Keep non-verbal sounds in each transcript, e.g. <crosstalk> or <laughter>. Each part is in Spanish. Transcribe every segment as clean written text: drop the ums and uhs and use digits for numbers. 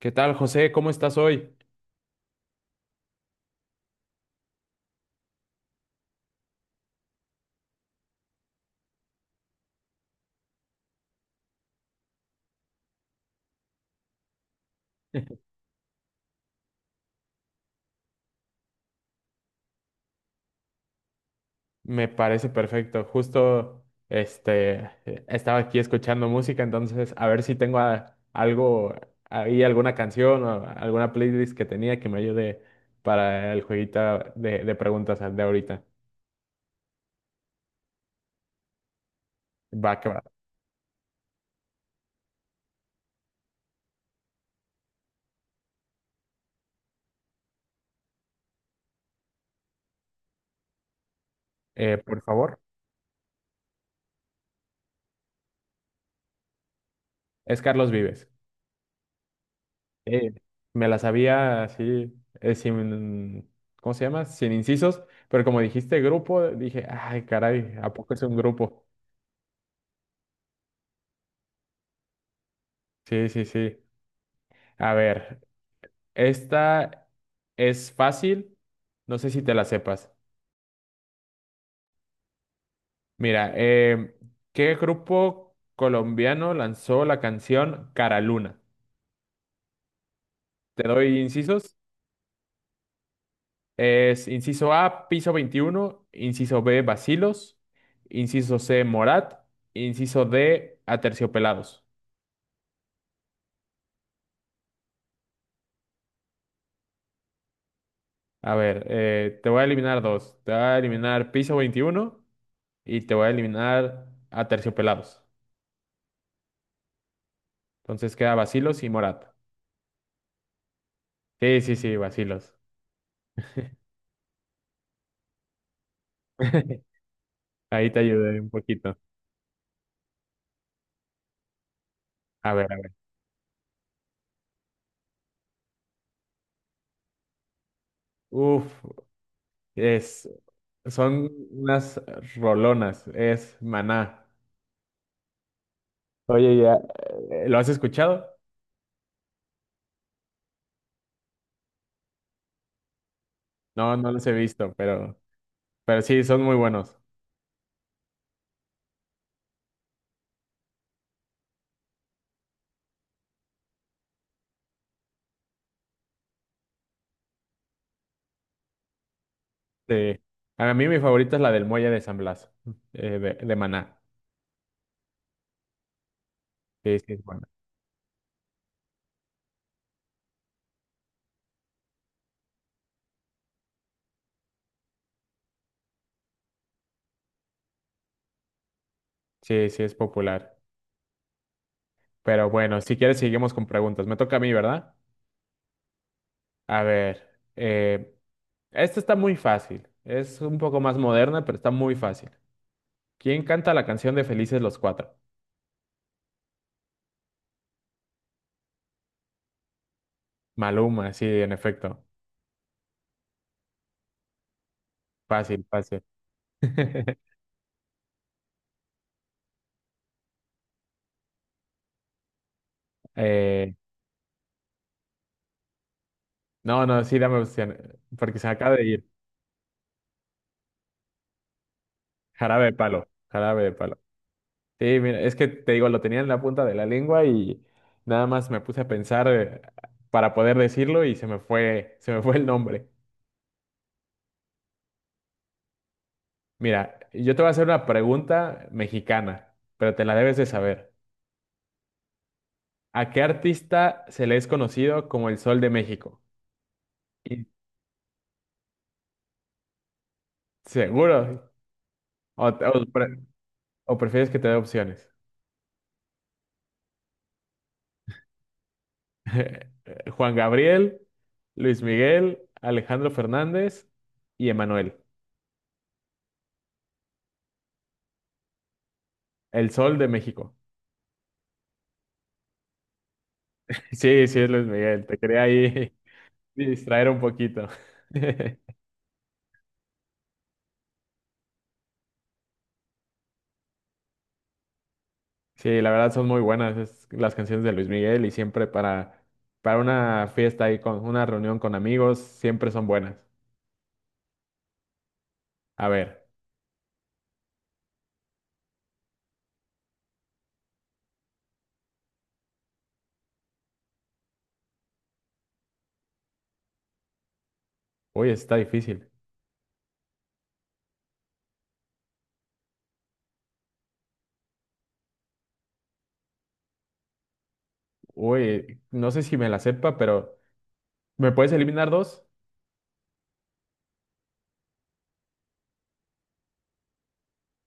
¿Qué tal, José? ¿Cómo estás hoy? <laughs> Me parece perfecto. Justo este estaba aquí escuchando música, entonces a ver si tengo algo ahí, alguna canción o alguna playlist que tenía que me ayude para el jueguito de preguntas de ahorita. Va que va. Por favor. Es Carlos Vives. Eh, Me la sabía así, sin, ¿cómo se llama? Sin incisos, pero como dijiste grupo, dije, ay, caray, ¿a poco es un grupo? Sí, sí, sí. A ver, esta es fácil, no sé si te la sepas. Mira, ¿qué grupo colombiano lanzó la canción Cara Luna? Te doy incisos. Es inciso A, Piso Veintiuno, inciso B, Bacilos, inciso C, Morat, inciso D, Aterciopelados. A ver, te voy a eliminar dos. Te voy a eliminar Piso Veintiuno y te voy a eliminar Aterciopelados. Entonces queda Bacilos y Morat. Sí, sí, sí, vacilos. <laughs> Ahí te ayudé un poquito. A ver, a ver. Uf, es, son unas rolonas, es maná. Oye, ya, ¿lo has escuchado? No, no los he visto, pero sí, son muy buenos. Sí. A mí mi favorita es la del Muelle de San Blas, de maná. Sí, sí, es buena. Sí, sí, es popular. Pero bueno, si quieres, seguimos con preguntas. Me toca a mí, ¿verdad? A ver, eh, esta está muy fácil. Es un poco más moderna, pero está muy fácil. ¿Quién canta la canción de Felices los Cuatro? Maluma, sí, en efecto. Fácil, fácil. <laughs> Eh, no, no, sí, dame opción, porque se acaba de ir. Jarabe de palo, jarabe de palo. Sí, mira, es que te digo, lo tenía en la punta de la lengua y nada más me puse a pensar para poder decirlo y se me fue el nombre. Mira, yo te voy a hacer una pregunta mexicana, pero te la debes de saber. ¿A qué artista se le es conocido como el Sol de México? Y seguro. O, o prefieres que te dé opciones? <laughs> Juan Gabriel, Luis Miguel, Alejandro Fernández y Emanuel. El Sol de México. <laughs> Sí, sí, es Luis Miguel. Te quería ahí <laughs> distraer un poquito. <laughs> Sí, la verdad son muy buenas las canciones de Luis Miguel y siempre para una fiesta y con una reunión con amigos, siempre son buenas. A ver, uy, está difícil. Uy, no sé si me la sepa, pero ¿me puedes eliminar dos?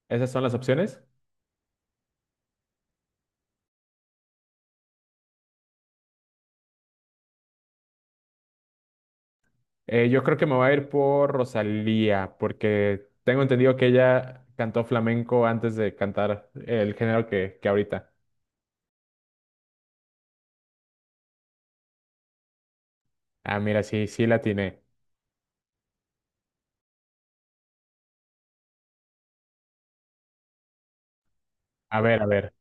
Esas son las opciones. Yo creo que me voy a ir por Rosalía, porque tengo entendido que ella cantó flamenco antes de cantar el género que ahorita. Ah, mira, sí, sí la tiene. A ver, a ver,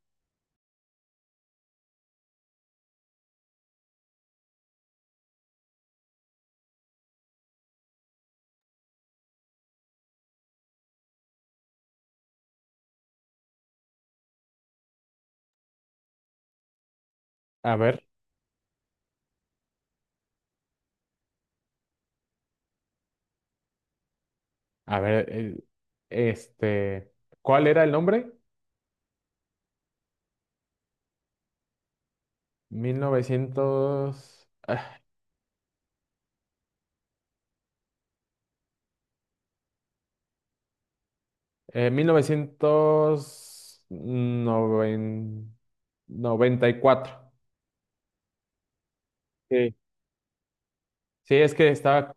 a ver, a ver, este, ¿cuál era el nombre? 1900, ah, 1994. Sí, es que estaba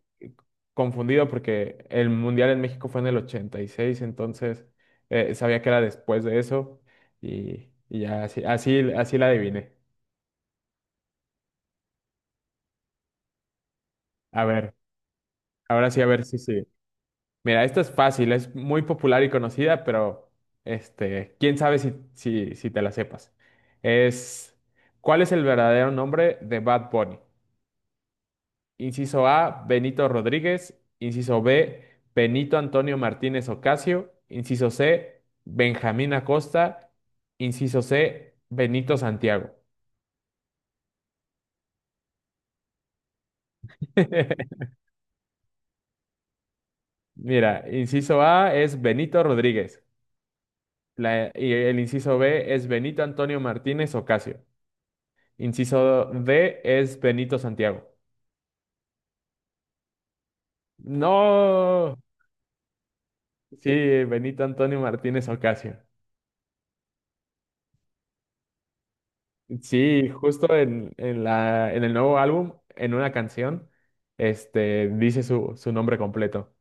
confundido porque el Mundial en México fue en el 86, entonces sabía que era después de eso y ya así, así, así la adiviné. A ver, ahora sí, a ver si sí. Mira, esta es fácil, es muy popular y conocida, pero este, quién sabe si, si, si te la sepas. Es, ¿cuál es el verdadero nombre de Bad Bunny? Inciso A, Benito Rodríguez. Inciso B, Benito Antonio Martínez Ocasio. Inciso C, Benjamín Acosta. Inciso C, Benito Santiago. <laughs> Mira, inciso A es Benito Rodríguez. Y el inciso B es Benito Antonio Martínez Ocasio. Inciso D es Benito Santiago. No, sí, Benito Antonio Martínez Ocasio. Sí, justo en, en el nuevo álbum, en una canción, este, dice su, su nombre completo.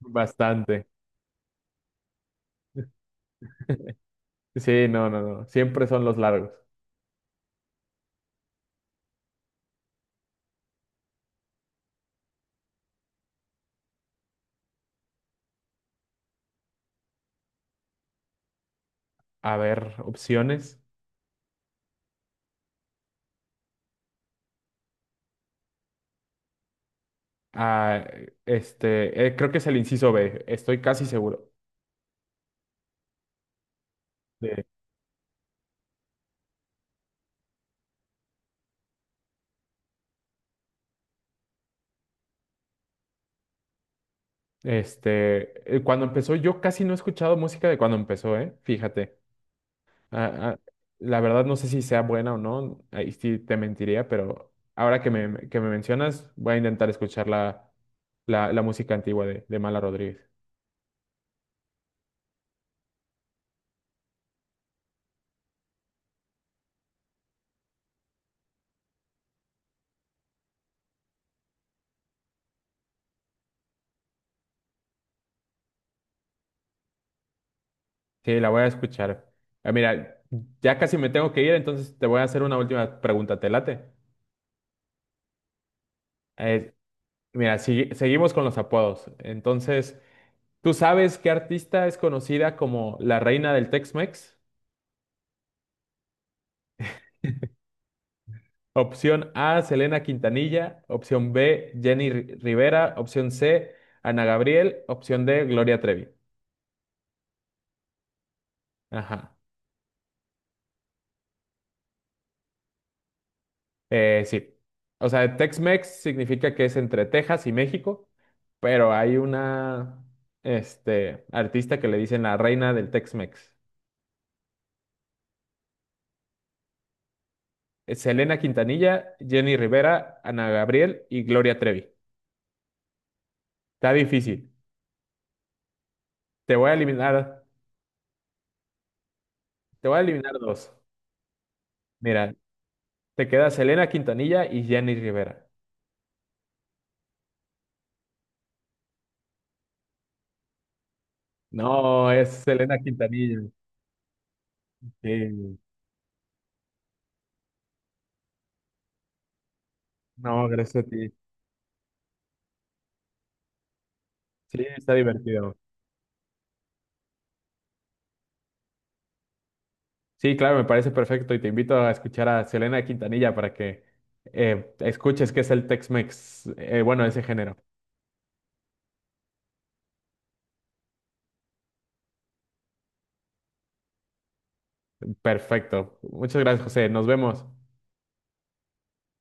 Bastante. Sí, no, no, no. Siempre son los largos. A ver, opciones. Ah, este, creo que es el inciso B, estoy casi seguro. de- este, cuando empezó, yo casi no he escuchado música de cuando empezó, ¿eh? Fíjate. Ah, ah, la verdad no sé si sea buena o no, ahí sí te mentiría, pero ahora que me mencionas, voy a intentar escuchar la música antigua de Mala Rodríguez. Sí, la voy a escuchar. Ah, mira, ya casi me tengo que ir, entonces te voy a hacer una última pregunta, ¿te late? Eh, Mira, seguimos con los apodos. Entonces, ¿tú sabes qué artista es conocida como la reina del Tex-Mex? Opción A, Selena Quintanilla. Opción B, Rivera. Opción C, Ana Gabriel. Opción D, Gloria Trevi. Ajá. Sí. O sea, Tex-Mex significa que es entre Texas y México, pero hay una, este, artista que le dicen la reina del Tex-Mex. Es Selena Quintanilla, Jenny Rivera, Ana Gabriel y Gloria Trevi. Está difícil. Te voy a eliminar, te voy a eliminar dos. Mira, te queda Selena Quintanilla y Jenny Rivera. No, es Selena Quintanilla. Sí, no, gracias a ti. Sí, está divertido. Sí, claro, me parece perfecto y te invito a escuchar a Selena Quintanilla para que escuches qué es el Tex-Mex, bueno, ese género. Perfecto. Muchas gracias, José. Nos vemos.